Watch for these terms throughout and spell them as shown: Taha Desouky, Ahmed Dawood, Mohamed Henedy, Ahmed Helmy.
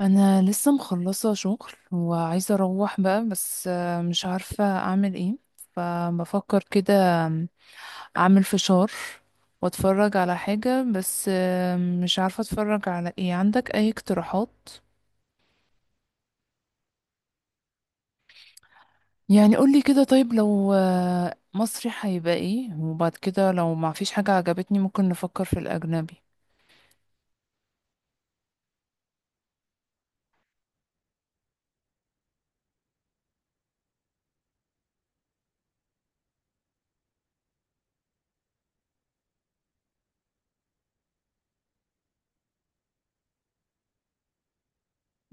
انا لسه مخلصه شغل وعايزه اروح بقى، بس مش عارفه اعمل ايه. فبفكر كده اعمل فشار واتفرج على حاجه، بس مش عارفه اتفرج على ايه. عندك اي اقتراحات؟ يعني قولي كده. طيب لو مصري هيبقى ايه، وبعد كده لو ما فيش حاجه عجبتني ممكن نفكر في الاجنبي.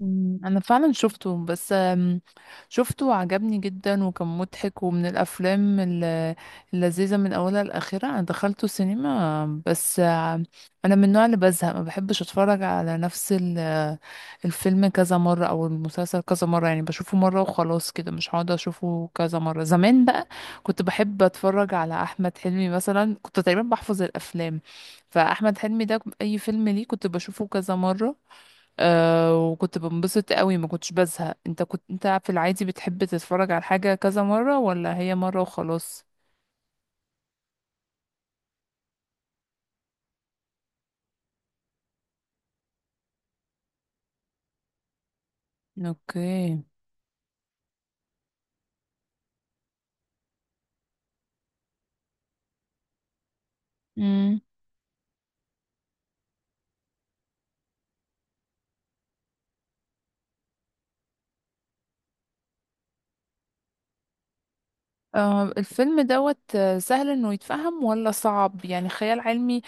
انا فعلا شفته، بس شفته وعجبني جدا وكان مضحك، ومن الافلام اللذيذه من اولها لاخرها. انا دخلته سينما، بس انا من النوع اللي بزهق، ما بحبش اتفرج على نفس الفيلم كذا مره او المسلسل كذا مره، يعني بشوفه مره وخلاص كده، مش هقعد اشوفه كذا مره. زمان بقى كنت بحب اتفرج على احمد حلمي مثلا، كنت تقريبا بحفظ الافلام، فاحمد حلمي ده اي فيلم ليه كنت بشوفه كذا مره. أه، وكنت بنبسط قوي، ما كنتش بزهق. انت كنت، في العادي بتحب تتفرج على حاجة كذا مرة ولا هي مرة وخلاص؟ اوكي. امم. أه، الفيلم دوت سهل انه يتفهم ولا صعب؟ يعني خيال علمي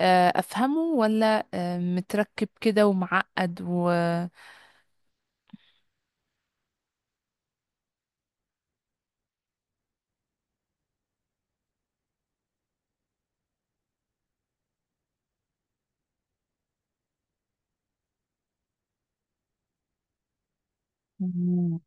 افهمه، ولا متركب كده ومعقد و... مم.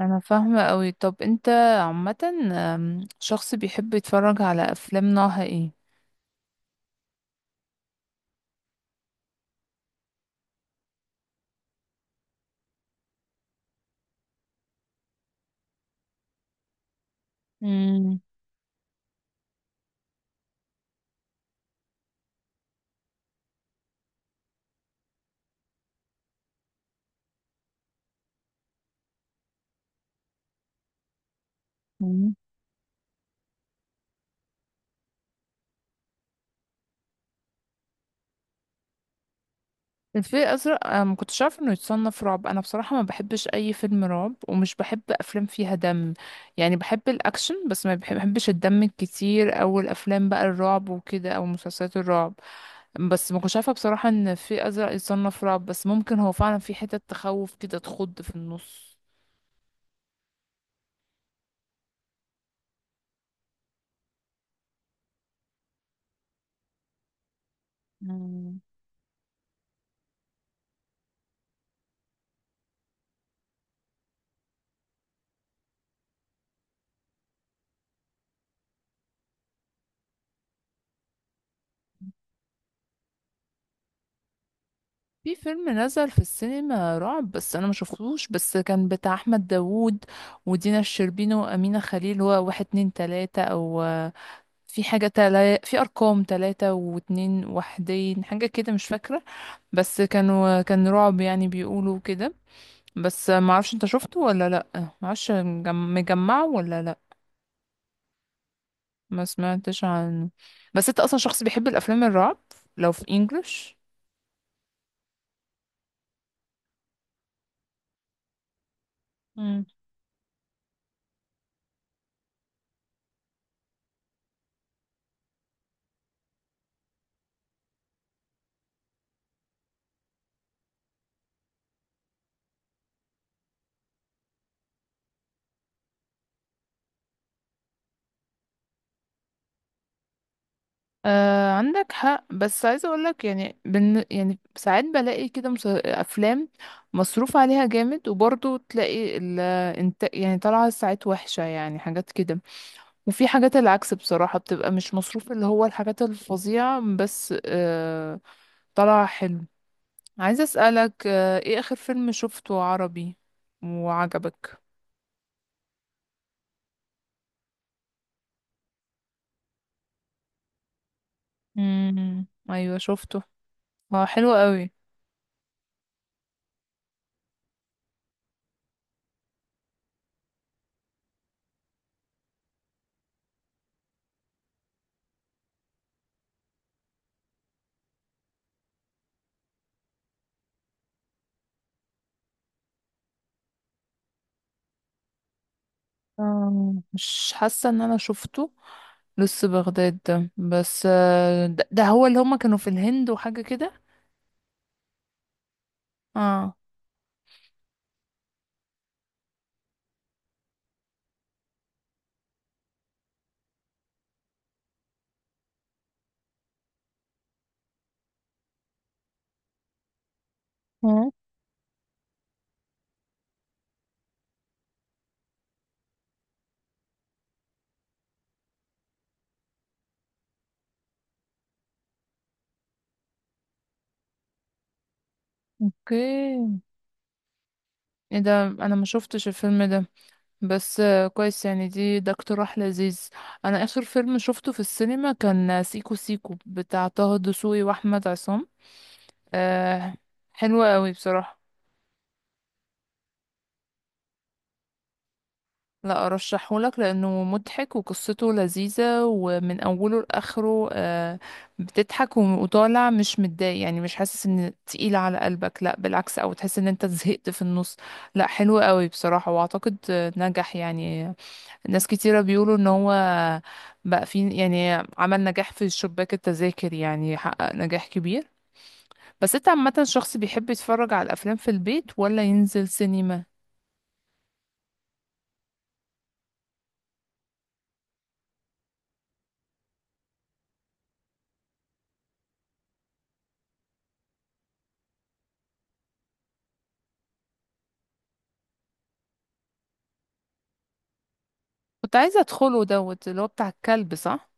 انا فاهمة قوي. طب انت عامة شخص بيحب يتفرج على افلام نوعها ايه؟ مم. الفيل الأزرق أنا ما كنتش عارفة إنه يتصنف رعب. أنا بصراحة ما بحبش أي فيلم رعب، ومش بحب أفلام فيها دم، يعني بحب الأكشن، بس ما بحبش الدم الكتير، أو الأفلام بقى الرعب وكده، أو مسلسلات الرعب. بس ما كنتش عارفة بصراحة إن الفيل الأزرق يتصنف رعب. بس ممكن هو فعلا في حتة تخوف كده، تخض في النص. مم. في فيلم نزل في السينما رعب بس انا ما شفتوش، بس كان بتاع احمد داوود ودينا الشربيني وامينه خليل. هو واحد اتنين تلاته، او في حاجة في أرقام تلاتة واتنين وحدين، حاجة كده مش فاكرة. بس كان رعب يعني، بيقولوا كده. بس معرفش انت شفته ولا لأ، معرفش مجمعه ولا لأ. ما سمعتش عنه. بس انت أصلا شخص بيحب الأفلام الرعب لو في انجلش؟ مم. آه، عندك حق. بس عايزة اقولك، يعني يعني ساعات بلاقي كده افلام مصروف عليها جامد، وبرضه تلاقي يعني طالعة ساعات وحشة، يعني حاجات كده. وفي حاجات العكس بصراحة، بتبقى مش مصروف، اللي هو الحاجات الفظيعة بس طلع حلو. عايزة أسألك، ايه آخر فيلم شفته عربي وعجبك؟ امم، ايوه شفته. اه، حلو قوي. مش حاسة ان انا شفته لسه بغداد ده. بس ده هو اللي هما كانوا في الهند وحاجة كده؟ اه. اه، اوكي. ايه ده، انا ما شفتش الفيلم ده، بس كويس يعني. ده اقتراح لذيذ. انا اخر فيلم شفته في السينما كان سيكو سيكو بتاع طه دسوقي واحمد عصام. أه، حلو قوي بصراحة. لا ارشحهولك لانه مضحك، وقصته لذيذة ومن اوله لاخره، بتضحك وطالع مش متضايق، يعني مش حاسس ان تقيل على قلبك، لا بالعكس، او تحس ان انت زهقت في النص. لا، حلو قوي بصراحة، واعتقد نجح يعني. ناس كتيرة بيقولوا ان هو بقى في، يعني عمل نجاح في شباك التذاكر، يعني حقق نجاح كبير. بس انت عامة شخص بيحب يتفرج على الافلام في البيت ولا ينزل سينما؟ كنت عايزة ادخله دوت، اللي هو بتاع الكلب، صح؟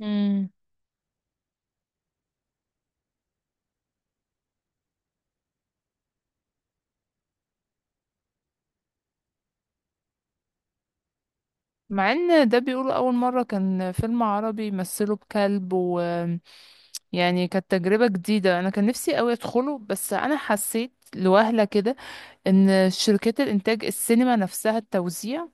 امم. مع ان ده بيقولوا اول مرة كان فيلم عربي مثله بكلب، ويعني كانت تجربة جديدة. انا كان نفسي قوي ادخله، بس انا حسيت لوهلة كده ان شركات الانتاج السينما نفسها، التوزيع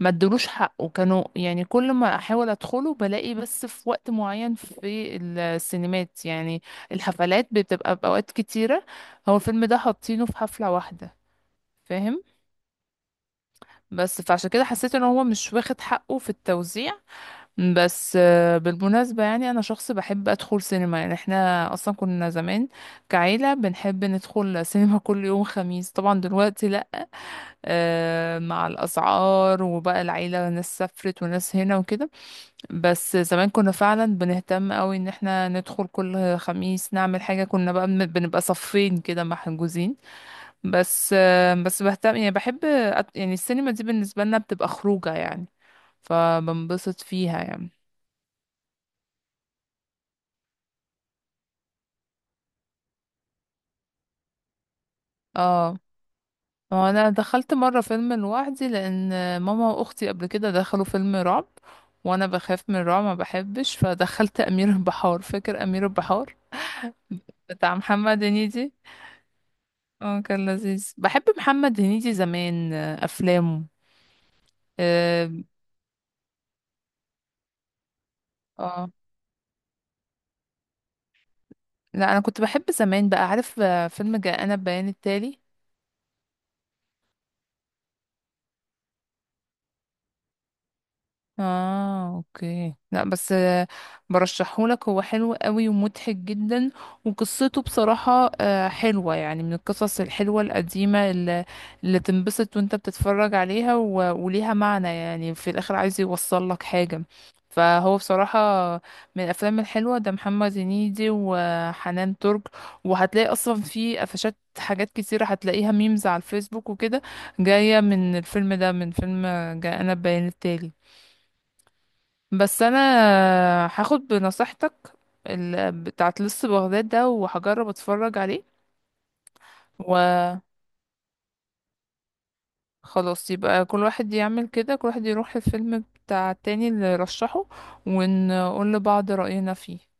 ما ادلوش حقه. كانوا يعني كل ما احاول ادخله بلاقي بس في وقت معين في السينمات، يعني الحفلات بتبقى باوقات كتيره، هو الفيلم ده حاطينه في حفله واحده. فاهم؟ بس فعشان كده حسيت ان هو مش واخد حقه في التوزيع. بس بالمناسبة، يعني أنا شخص بحب أدخل سينما. يعني احنا أصلا كنا زمان كعيلة بنحب ندخل سينما كل يوم خميس. طبعا دلوقتي لأ، مع الأسعار وبقى العيلة ناس سافرت وناس هنا وكده. بس زمان كنا فعلا بنهتم قوي ان احنا ندخل كل خميس نعمل حاجة، كنا بقى بنبقى صفين كده محجوزين. بس بهتم، يعني بحب يعني السينما دي بالنسبة لنا بتبقى خروجة، يعني فبنبسط فيها يعني. اه. هو انا دخلت مرة فيلم لوحدي، لان ماما واختي قبل كده دخلوا فيلم رعب، وانا بخاف من الرعب ما بحبش، فدخلت امير البحار. فاكر امير البحار بتاع محمد هنيدي؟ اه، كان لذيذ. بحب محمد هنيدي زمان، افلامه. اه. آه. لا انا كنت بحب زمان. بقى عارف فيلم جاء انا بيان التالي؟ اه، اوكي. لا بس برشحهولك، هو حلو قوي ومضحك جدا. وقصته بصراحة حلوة يعني، من القصص الحلوة القديمة اللي تنبسط وانت بتتفرج عليها، و... وليها معنى، يعني في الاخر عايز يوصل لك حاجة. فهو بصراحة من الأفلام الحلوة ده، محمد هنيدي وحنان ترك. وهتلاقي أصلا في قفشات، حاجات كتيرة هتلاقيها ميمز على الفيسبوك وكده، جاية من الفيلم ده، من فيلم جاء أنا بيان التالي. بس انا هاخد بنصيحتك بتاعت لص بغداد ده، وهجرب اتفرج عليه. وخلاص، يبقى كل واحد يعمل كده، كل واحد يروح الفيلم بتاع التاني اللي رشحه، ونقول لبعض رأينا فيه.